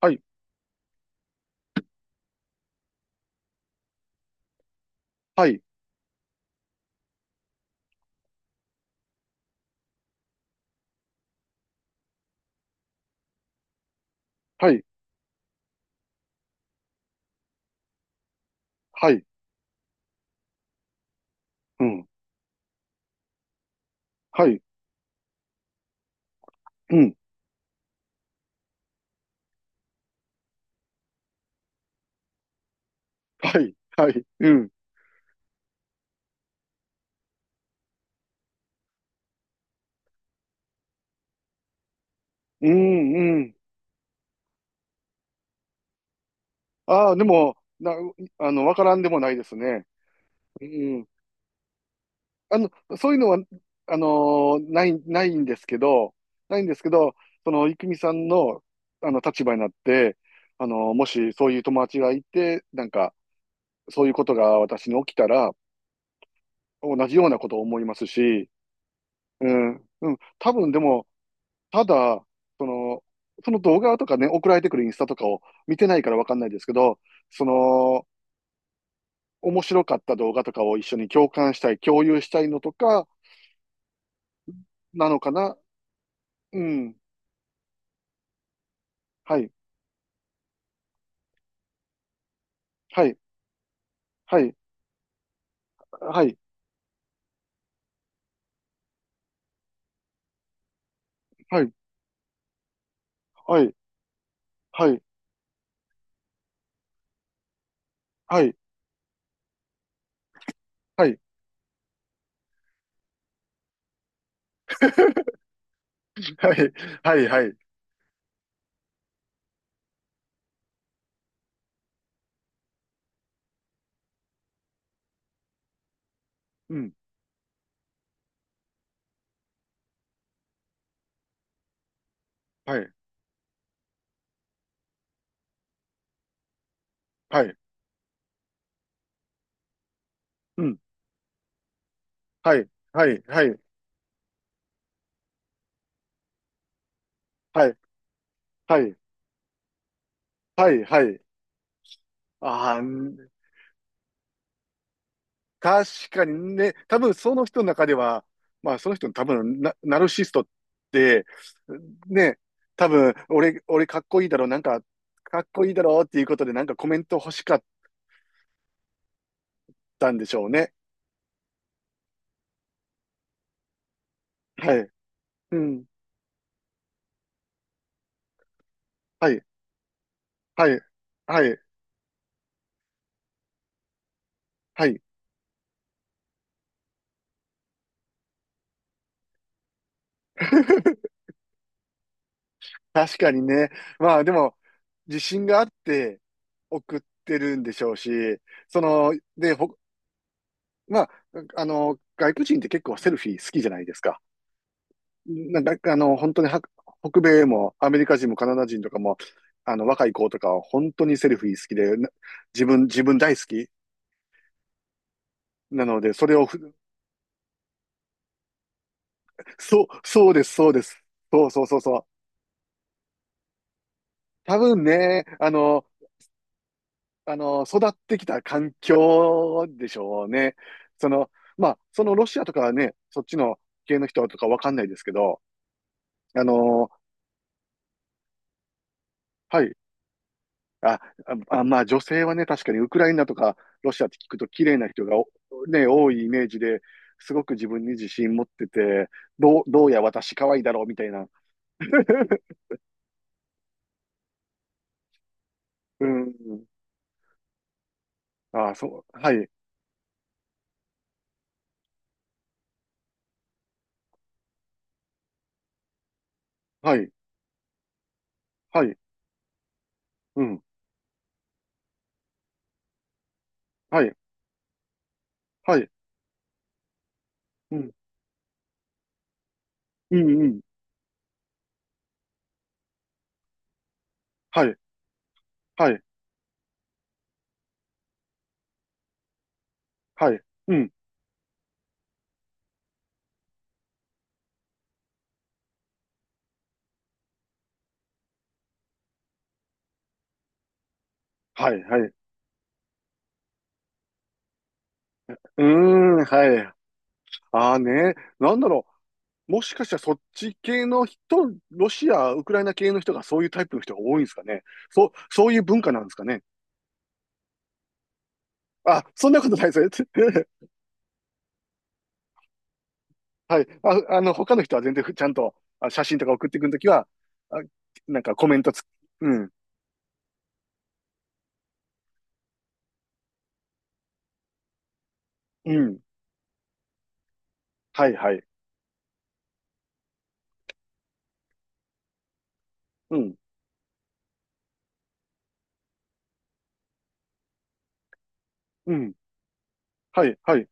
はい、はい、はい、はい、うん、はい、うん、はい、はい、うん、うん、うん。ああ、でも、な、あの、わからんでもないですね。うん。あの、そういうのは、あのないんですけど、ないんですけど、その、郁美さんの、立場になって、もしそういう友達がいて、なんか、そういうことが私に起きたら、同じようなことを思いますし、うん、うん、多分でも、ただ、その、その動画とかね、送られてくるインスタとかを見てないからわかんないですけど、その、面白かった動画とかを一緒に共感したい、共有したいのとか、なのかな、うん。はい、はい、はい、はい、はい、はい、はい、はい、はい、はい、はい、はい、うん、はい、はい、うん、はい、はい、はい、はい、はい、はい、はい。ああ、確かにね、多分その人の中では、まあその人の多分ナルシストって、ね、多分俺かっこいいだろう、なんか、かっこいいだろうっていうことでなんかコメント欲しかったんでしょうね。はい。うん。はい。はい。はい。はい。確かにね。まあでも、自信があって送ってるんでしょうし、その、で、ほ、まあ、外国人って結構セルフィー好きじゃないですか。なんか、本当には北米もアメリカ人もカナダ人とかも、若い子とかは本当にセルフィー好きで、な自分、自分大好きなので、それをふ、そう、そうです、そうです。そうそうそうそう。多分ね、育ってきた環境でしょうね。その、まあ、そのロシアとかはね、そっちの系の人とかわかんないですけど、あの、はい、あ、まあ女性はね、確かにウクライナとかロシアって聞くと綺麗な人がね、多いイメージで、すごく自分に自信持ってて、どうや私可愛いだろうみたいな。うん。あ、そう。はい。はい。はい。うん。はい。はい。うん。うん。うん。はい。はい。はい。うん。はい。はい。うーん。はい。ああね。なんだろう。もしかしたらそっち系の人、ロシア、ウクライナ系の人がそういうタイプの人が多いんですかね。そういう文化なんですかね。あ、そんなことないですよ。はい。他の人は全然ちゃんと写真とか送ってくるときは、あ、なんかコメント。うん、うん、はい、はい、うん、うん、はい、はい、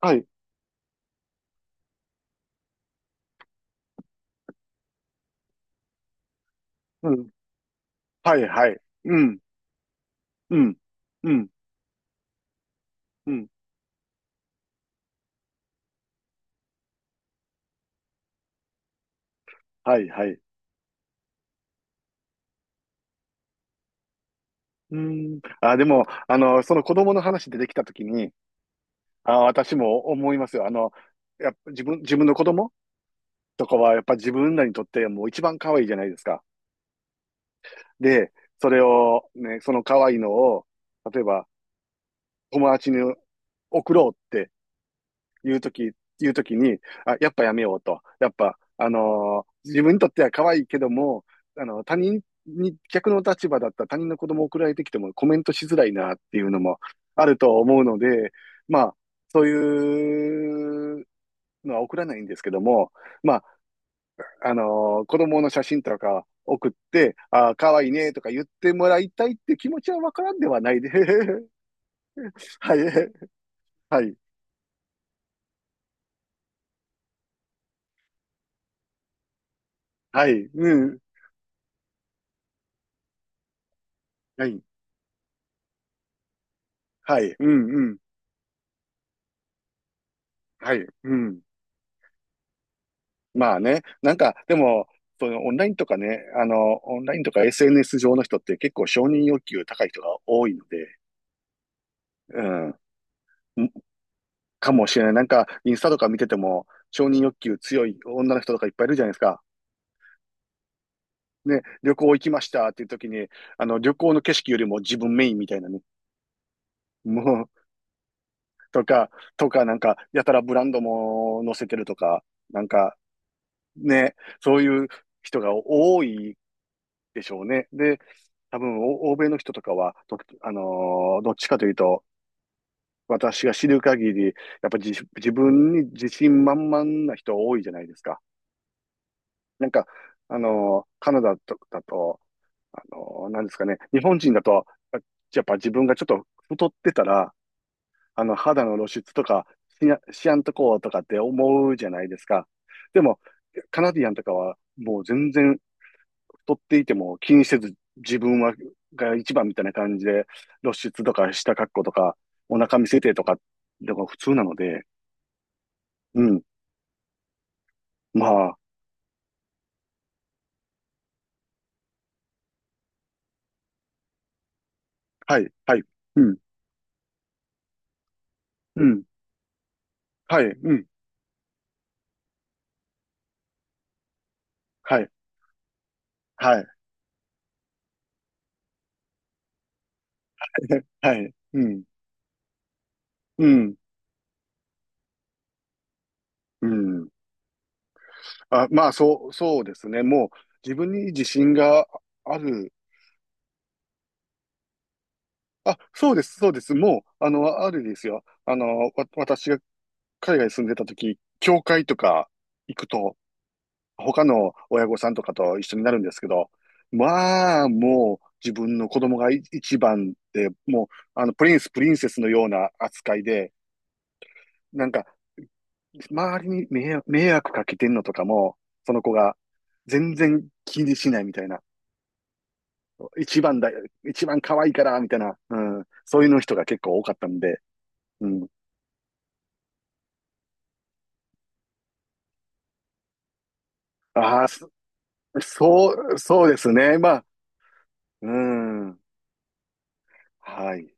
はい、うん、はい、はい、うん、うん、うん、うん、はい、はい。うん。あ、でも、その子供の話出てきたときに、あ、私も思いますよ。やっぱ自分の子供とかはやっぱ自分らにとってもう一番可愛いじゃないですか。で、それをね、その可愛いのを、例えば友達に送ろうっていうとき、言うときに、あ、やっぱやめようと。やっぱ、自分にとっては可愛いけども、他人に、逆の立場だったら他人の子供送られてきてもコメントしづらいなっていうのもあると思うので、まあ、そういうのは送らないんですけども、まあ、子供の写真とか送って、ああ、かわいいねとか言ってもらいたいって気持ちはわからんではないで。はい、はい、はい、うん、はい、はい、うん、うん、はい、うん。まあね、なんか、でも、オンラインとか SNS 上の人って結構承認欲求高い人が多いので、うん、かもしれない。なんか、インスタとか見てても、承認欲求強い女の人とかいっぱいいるじゃないですか。ね、旅行行きましたっていう時に、旅行の景色よりも自分メインみたいなね。もう、とか、とか、なんか、やたらブランドも載せてるとか、なんか、ね、そういう人が多いでしょうね。で、多分、欧米の人とかは、とあのーどっちかというと、私が知る限り、やっぱ自分に自信満々な人多いじゃないですか。なんか、カナダとだと、なんですかね、日本人だと、あやっぱ自分がちょっと太ってたら、肌の露出とかしやんとこうとかって思うじゃないですか。でも、カナディアンとかは、もう全然太っていても気にせず、自分は、が一番みたいな感じで、露出とか下格好とか、お腹見せてとか、のが普通なので、うん、まあ、はい、はい、うん、うん、はい、うん、はい、はい、はい、うん、うん、うん。あ、まあ、そうですね。もう、自分に自信がある。あ、そうです、そうです。もう、あるですよ。私が海外に住んでた時、教会とか行くと、他の親御さんとかと一緒になるんですけど、まあ、もう、自分の子供が一番で、もう、プリンセスのような扱いで、なんか、周りに迷惑かけてんのとかも、その子が全然気にしないみたいな。一番だ、一番可愛いから、みたいな、うん、そういうの人が結構多かったんで、うん。ああ、そう、そうですね。まあ、うん。はい。